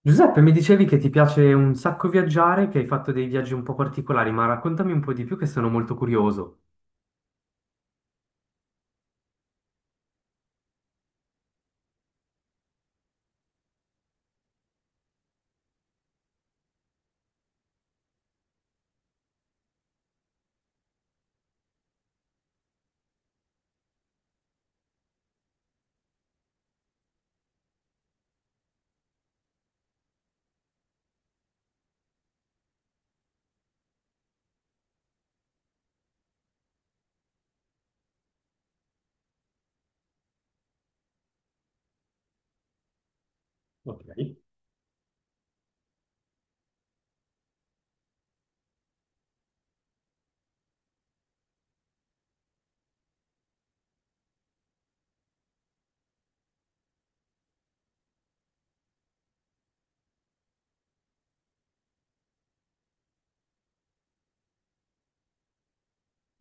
Giuseppe, mi dicevi che ti piace un sacco viaggiare, che hai fatto dei viaggi un po' particolari, ma raccontami un po' di più che sono molto curioso. Ok.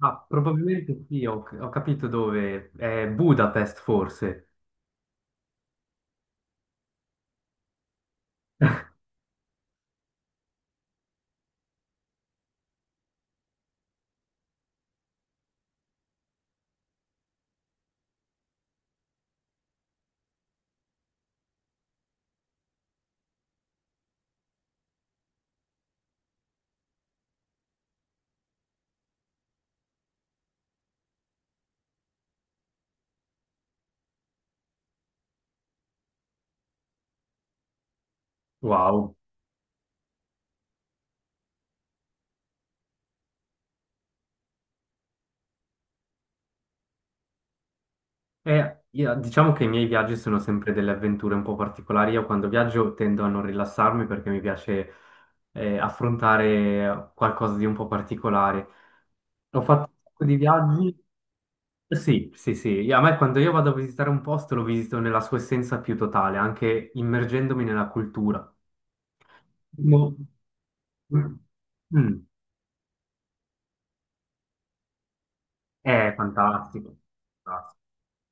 Ah, probabilmente sì, ho capito dove. È Budapest, forse. Wow. Diciamo che i miei viaggi sono sempre delle avventure un po' particolari. Io quando viaggio tendo a non rilassarmi perché mi piace affrontare qualcosa di un po' particolare. Ho fatto un sacco di viaggi. Sì, sì, sì. A me quando io vado a visitare un posto lo visito nella sua essenza più totale, anche immergendomi nella cultura. Mo- Mm. È fantastico.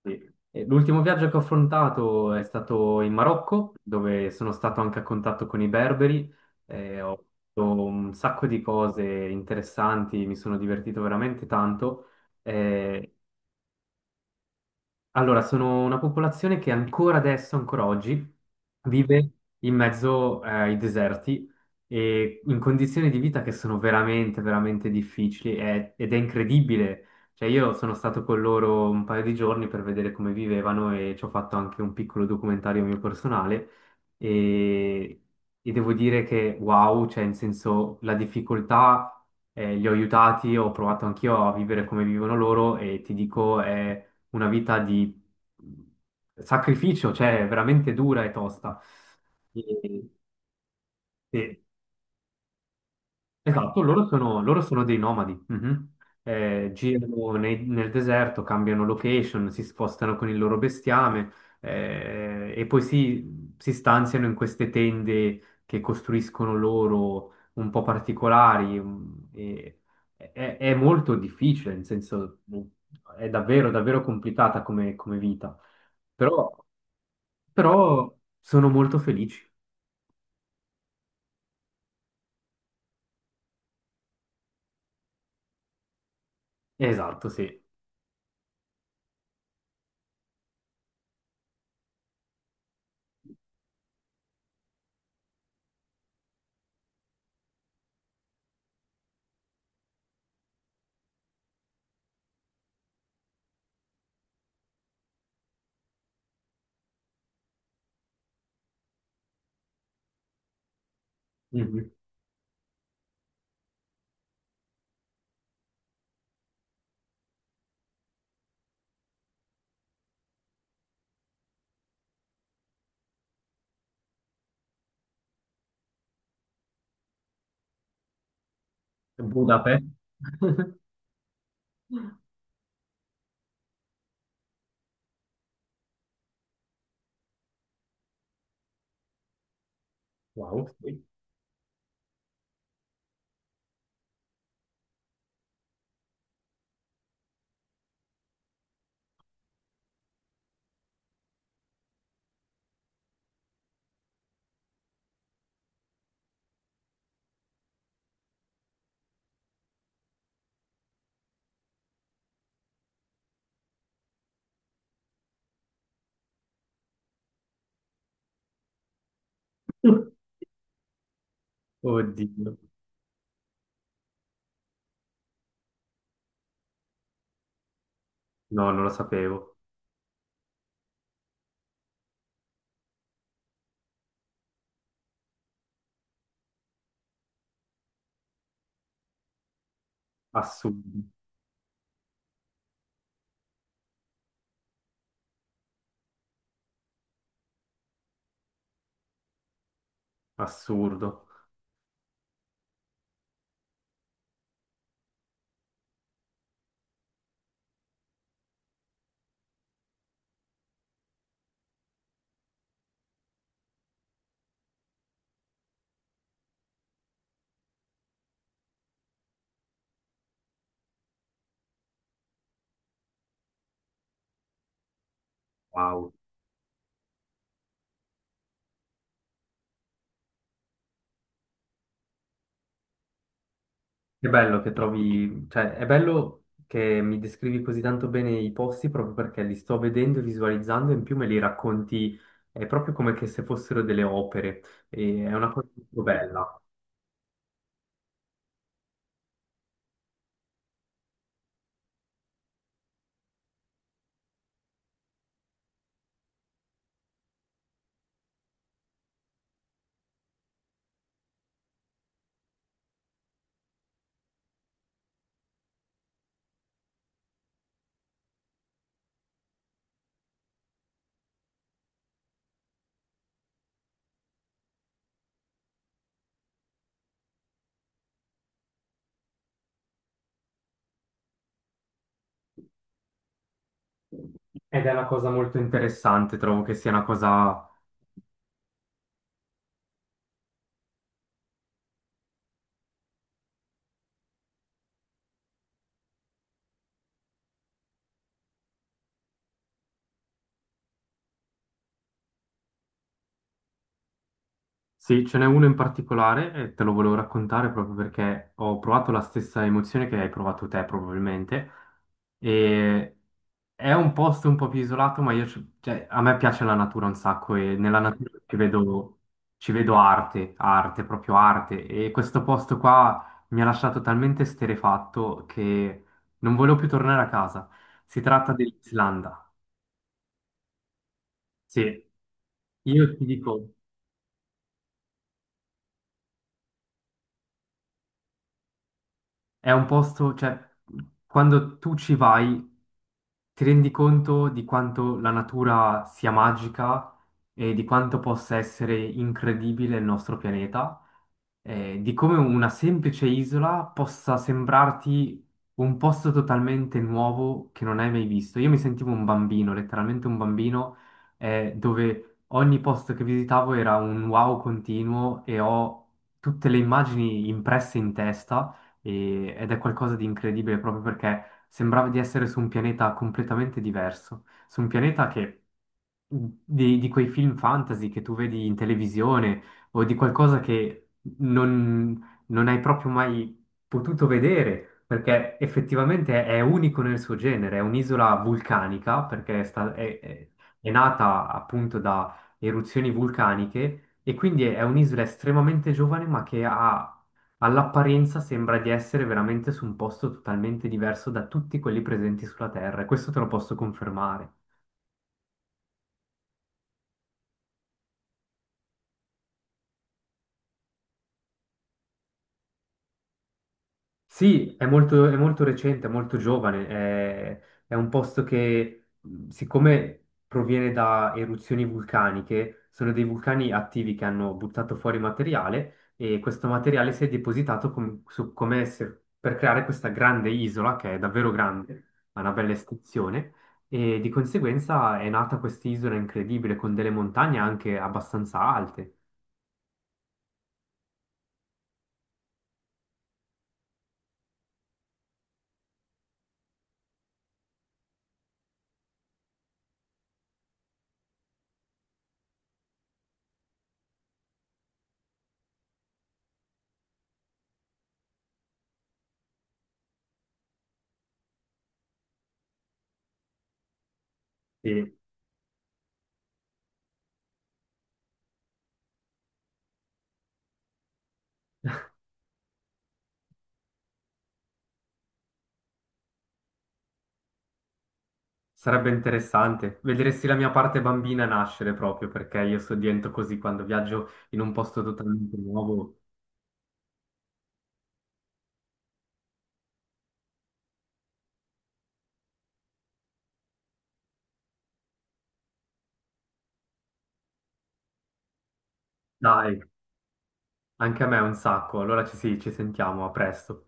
Sì. E l'ultimo viaggio che ho affrontato è stato in Marocco, dove sono stato anche a contatto con i berberi, e ho fatto un sacco di cose interessanti, mi sono divertito veramente tanto. Eh, allora, sono una popolazione che ancora adesso, ancora oggi, vive in mezzo ai deserti e in condizioni di vita che sono veramente, veramente difficili ed è incredibile. Cioè, io sono stato con loro un paio di giorni per vedere come vivevano e ci ho fatto anche un piccolo documentario mio personale, e, e devo dire che wow, cioè, in senso, la difficoltà li ho aiutati, ho provato anch'io a vivere come vivono loro e ti dico è una vita di mhmm, sacrificio, cioè veramente dura e tosta. E- e- esatto, loro sono dei nomadi. Mhm. Nel deserto, cambiano location, si spostano con il loro bestiame, e poi si stanziano in queste tende che costruiscono loro un po' particolari. È, è molto difficile, nel senso, è davvero, davvero complicata come, come vita. Però però sono molto felici. Esatto, sì. Mhm. Budapest. Wow, sì. Oddio. No, non lo sapevo. Assurdo, assurdo. Wow. È bello che trovi, cioè è bello che mi descrivi così tanto bene i posti, proprio perché li sto vedendo e visualizzando e in più me li racconti, è proprio come che se fossero delle opere. E è una cosa molto bella. Ed è una cosa molto interessante, trovo che sia una cosa. Sì, ce n'è uno in particolare e te lo volevo raccontare proprio perché ho provato la stessa emozione che hai provato te probabilmente, e è un posto un po' più isolato, ma cioè, a me piace la natura un sacco e nella natura ci vedo arte, arte, proprio arte, e questo posto qua mi ha lasciato talmente esterrefatto che non volevo più tornare a casa. Si tratta dell'Islanda. Sì. Io ti dico, è un posto, cioè, quando tu ci vai ti rendi conto di quanto la natura sia magica e di quanto possa essere incredibile il nostro pianeta, di come una semplice isola possa sembrarti un posto totalmente nuovo che non hai mai visto. Io mi sentivo un bambino, letteralmente un bambino, dove ogni posto che visitavo era un wow continuo, e ho tutte le immagini impresse in testa, ed è qualcosa di incredibile proprio perché sembrava di essere su un pianeta completamente diverso, su un pianeta che di quei film fantasy che tu vedi in televisione o di qualcosa che non hai proprio mai potuto vedere, perché effettivamente è unico nel suo genere, è un'isola vulcanica, perché è, sta- è nata appunto da eruzioni vulcaniche e quindi è un'isola estremamente giovane, ma che ha all'apparenza, sembra di essere veramente su un posto totalmente diverso da tutti quelli presenti sulla Terra, e questo te lo posso confermare. Sì, è molto recente, è molto giovane, è un posto che, siccome proviene da eruzioni vulcaniche, sono dei vulcani attivi che hanno buttato fuori materiale e questo materiale si è depositato com- su- come se- per creare questa grande isola, che è davvero grande, ha una bella estensione, e di conseguenza è nata quest'isola incredibile con delle montagne anche abbastanza alte. Sarebbe interessante. Vedresti la mia parte bambina nascere proprio perché io sto dentro così quando viaggio in un posto totalmente nuovo. Dai, anche a me è un sacco. Allora ci, sì, ci sentiamo, a presto.